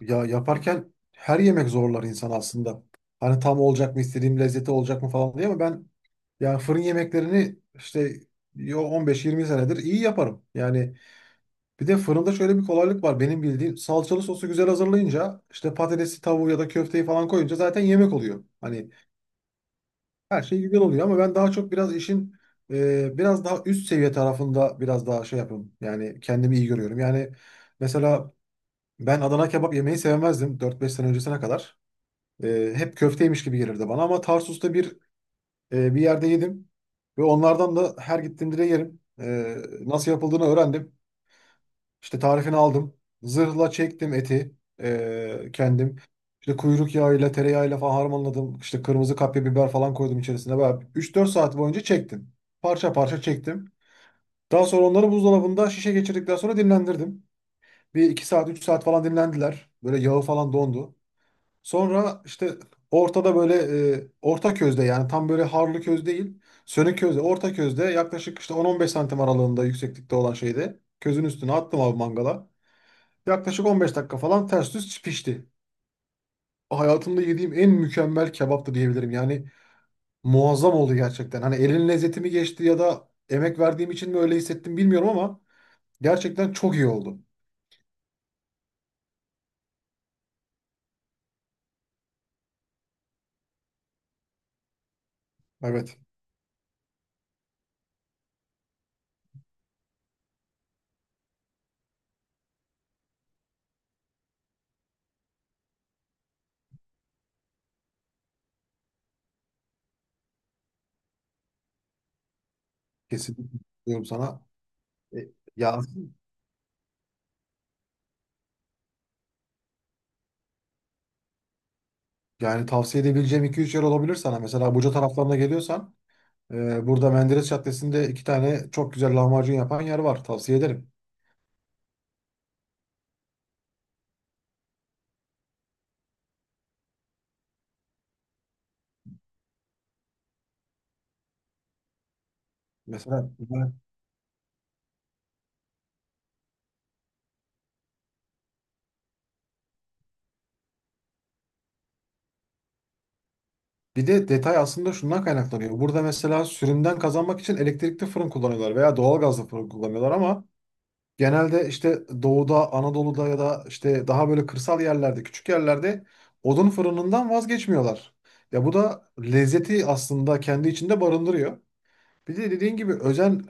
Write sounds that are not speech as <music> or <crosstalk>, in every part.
Ya yaparken her yemek zorlar insan aslında. Hani tam olacak mı istediğim lezzeti olacak mı falan diye ama ben yani fırın yemeklerini işte 15-20 senedir iyi yaparım. Yani bir de fırında şöyle bir kolaylık var benim bildiğim salçalı sosu güzel hazırlayınca işte patatesi tavuğu ya da köfteyi falan koyunca zaten yemek oluyor. Hani her şey güzel oluyor ama ben daha çok biraz işin biraz daha üst seviye tarafında biraz daha şey yapıyorum. Yani kendimi iyi görüyorum. Yani mesela ben Adana kebap yemeyi sevmezdim 4-5 sene öncesine kadar. Hep köfteymiş gibi gelirdi bana ama Tarsus'ta bir yerde yedim ve onlardan da her gittiğimde de yerim. Nasıl yapıldığını öğrendim. İşte tarifini aldım. Zırhla çektim eti, kendim. İşte kuyruk yağıyla, tereyağıyla falan harmanladım. İşte kırmızı kapya biber falan koydum içerisine. Böyle üç dört saat boyunca çektim. Parça parça çektim. Daha sonra onları buzdolabında şişe geçirdikten sonra dinlendirdim. Bir 2 saat, 3 saat falan dinlendiler. Böyle yağı falan dondu. Sonra işte ortada böyle orta közde yani tam böyle harlı köz değil. Sönük közde, orta közde yaklaşık işte 10-15 santim aralığında yükseklikte olan şeyde közün üstüne attım abi mangala. Yaklaşık 15 dakika falan ters düz pişti. Hayatımda yediğim en mükemmel kebaptı diyebilirim. Yani muazzam oldu gerçekten. Hani elin lezzeti mi geçti ya da emek verdiğim için mi öyle hissettim bilmiyorum ama gerçekten çok iyi oldu. Evet, kesinlikle diyorum sana. E, Ya Yani tavsiye edebileceğim iki üç yer olabilir sana. Mesela Buca taraflarına geliyorsan burada Menderes Caddesi'nde iki tane çok güzel lahmacun yapan yer var. Tavsiye ederim. Mesela ben- Bir de detay aslında şundan kaynaklanıyor. Burada mesela sürümden kazanmak için elektrikli fırın kullanıyorlar veya doğalgazlı fırın kullanıyorlar ama genelde işte doğuda, Anadolu'da ya da işte daha böyle kırsal yerlerde, küçük yerlerde odun fırınından vazgeçmiyorlar. Ya bu da lezzeti aslında kendi içinde barındırıyor. Bir de dediğin gibi özen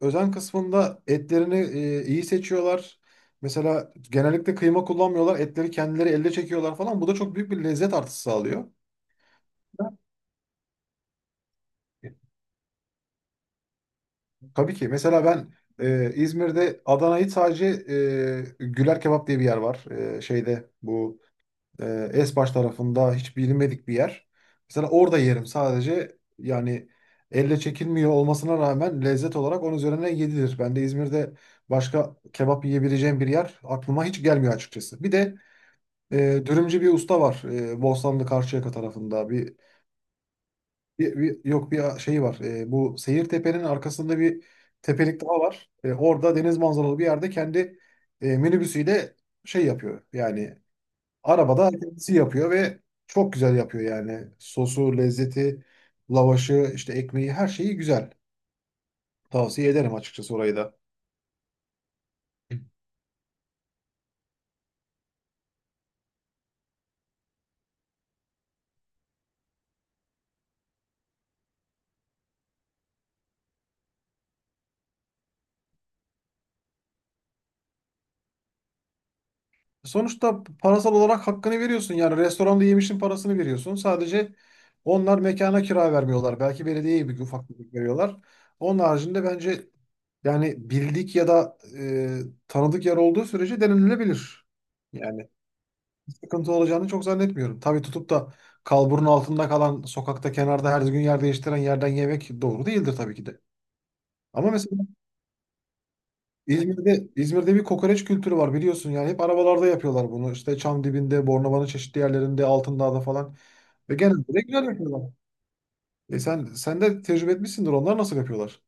özen kısmında etlerini, iyi seçiyorlar. Mesela genellikle kıyma kullanmıyorlar. Etleri kendileri elde çekiyorlar falan. Bu da çok büyük bir lezzet artısı sağlıyor. Tabii ki. Mesela ben İzmir'de Adana'yı sadece Güler Kebap diye bir yer var. Şeyde bu Esbaş tarafında hiç bilinmedik bir yer. Mesela orada yerim sadece yani elle çekilmiyor olmasına rağmen lezzet olarak onun üzerine yedilir. Ben de İzmir'de başka kebap yiyebileceğim bir yer aklıma hiç gelmiyor açıkçası. Bir de e, dürümcü bir usta var, Bostanlı Karşıyaka tarafında yok bir şey var. Bu Seyirtepe'nin arkasında bir tepelik daha var. Orada deniz manzaralı bir yerde kendi minibüsüyle şey yapıyor yani. Arabada kendisi yapıyor ve çok güzel yapıyor yani. Sosu, lezzeti, lavaşı, işte ekmeği her şeyi güzel. Tavsiye ederim açıkçası orayı da. Hı. Sonuçta parasal olarak hakkını veriyorsun. Yani restoranda yemişin parasını veriyorsun. Sadece onlar mekana kira vermiyorlar. Belki belediyeye bir ufak bir veriyorlar. Onun haricinde bence yani bildik ya da tanıdık yer olduğu sürece denenilebilir. Yani sıkıntı olacağını çok zannetmiyorum. Tabii tutup da kalburun altında kalan sokakta kenarda her gün yer değiştiren yerden yemek doğru değildir tabii ki de. Ama mesela İzmir'de bir kokoreç kültürü var biliyorsun yani hep arabalarda yapıyorlar bunu işte çam dibinde, Bornova'nın çeşitli yerlerinde, Altındağ'da falan ve genelde de güzel yapıyorlar. Sen de tecrübe etmişsindir onlar nasıl yapıyorlar?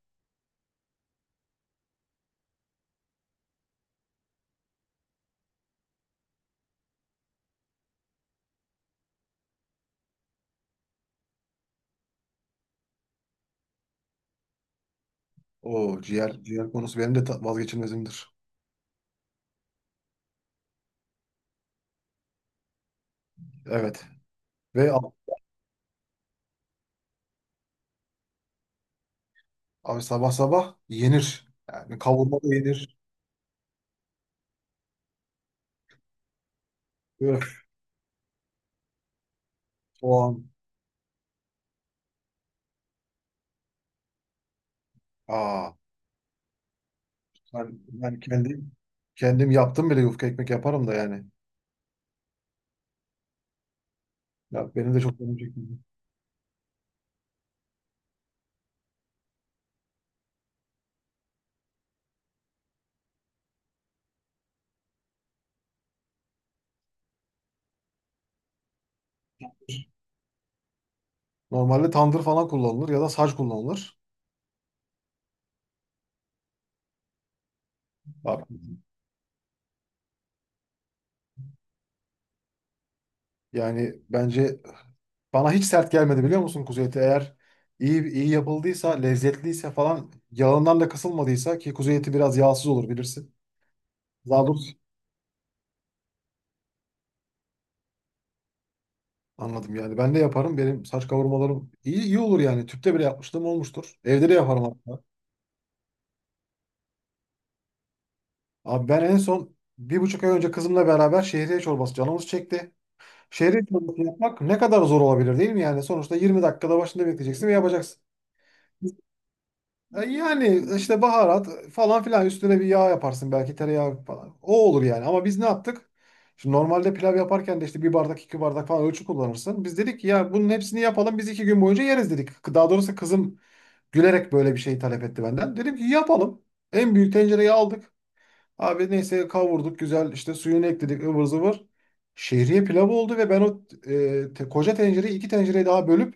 O ciğer ciğer konusu benim de vazgeçilmezimdir. Evet ve abi sabah sabah yenir, yani kavurma da yenir böyle soğan. Aa ben, ben kendim yaptım bile, yufka ekmek yaparım da yani. Ya benim de çok canım çekti. Normalde tandır falan kullanılır ya da saç kullanılır. Abi. Yani bence bana hiç sert gelmedi biliyor musun kuzu eti? Eğer iyi iyi yapıldıysa, lezzetliyse falan yağından da kısılmadıysa ki kuzu eti biraz yağsız olur bilirsin. Daha doğrusu anladım yani. Ben de yaparım. Benim saç kavurmalarım iyi iyi olur yani. Tüpte bile yapmışlığım olmuştur. Evde de yaparım hatta. Abi ben en son 1,5 ay önce kızımla beraber şehriye çorbası canımız çekti. Şehriye çorbası yapmak ne kadar zor olabilir değil mi yani? Sonuçta 20 dakikada başında bekleyeceksin ve yapacaksın. Yani işte baharat falan filan üstüne bir yağ yaparsın belki tereyağı falan. O olur yani ama biz ne yaptık? Şimdi normalde pilav yaparken de işte bir bardak iki bardak falan ölçü kullanırsın. Biz dedik ki ya bunun hepsini yapalım biz iki gün boyunca yeriz dedik. Daha doğrusu kızım gülerek böyle bir şey talep etti benden. Dedim ki yapalım. En büyük tencereyi aldık. Abi neyse kavurduk güzel, işte suyunu ekledik, ıvır zıvır. Şehriye pilavı oldu ve ben o koca tencereyi iki tencereye daha bölüp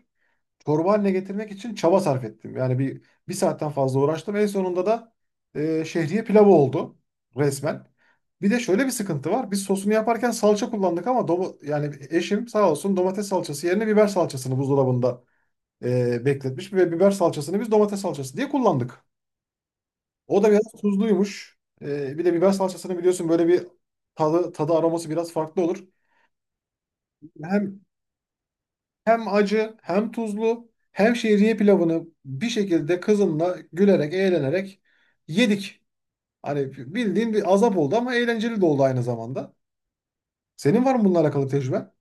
çorba haline getirmek için çaba sarf ettim. Yani bir saatten fazla uğraştım. En sonunda da şehriye pilavı oldu resmen. Bir de şöyle bir sıkıntı var. Biz sosunu yaparken salça kullandık ama yani eşim sağ olsun domates salçası yerine biber salçasını buzdolabında bekletmiş ve biber salçasını biz domates salçası diye kullandık. O da biraz tuzluymuş. Bir de biber salçasını biliyorsun böyle bir tadı, aroması biraz farklı olur. Hem Hem acı, hem tuzlu, hem şehriye pilavını bir şekilde kızımla gülerek, eğlenerek yedik. Hani bildiğin bir azap oldu ama eğlenceli de oldu aynı zamanda. Senin var mı bununla alakalı tecrüben?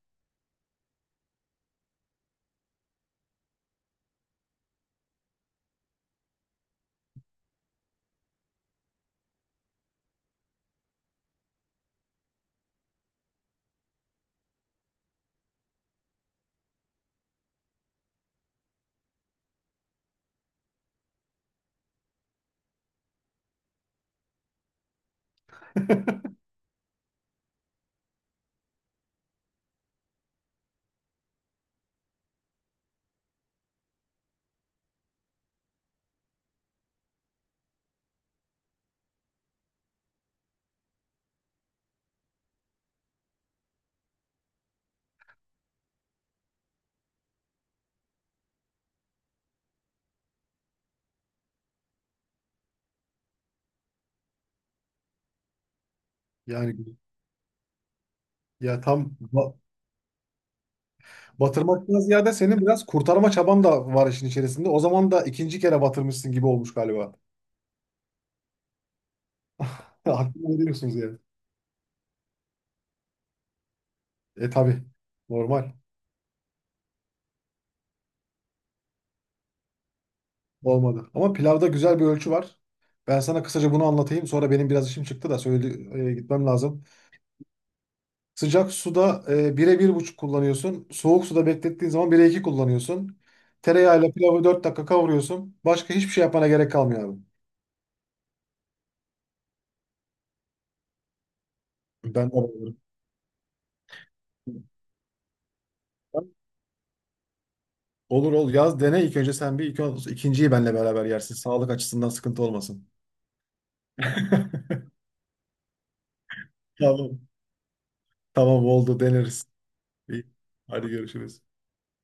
Yani ya tam ba- batırmaktan ziyade senin biraz kurtarma çaban da var işin içerisinde. O zaman da ikinci kere batırmışsın gibi olmuş galiba. <laughs> Hakkını veriyorsunuz yani. E tabii. Normal. Olmadı. Ama pilavda güzel bir ölçü var. Ben sana kısaca bunu anlatayım. Sonra benim biraz işim çıktı da söyle, gitmem lazım. Sıcak suda bire bir buçuk kullanıyorsun. Soğuk suda beklettiğin zaman 1'e 2 kullanıyorsun. Tereyağıyla pilavı 4 dakika kavuruyorsun. Başka hiçbir şey yapmana gerek kalmıyor abi. Ben de bayılırım. Olur, ol yaz dene, ilk önce sen bir ikinciyi benle beraber yersin. Sağlık açısından sıkıntı olmasın. <laughs> Tamam. Tamam oldu, deneriz. İyi. Hadi görüşürüz.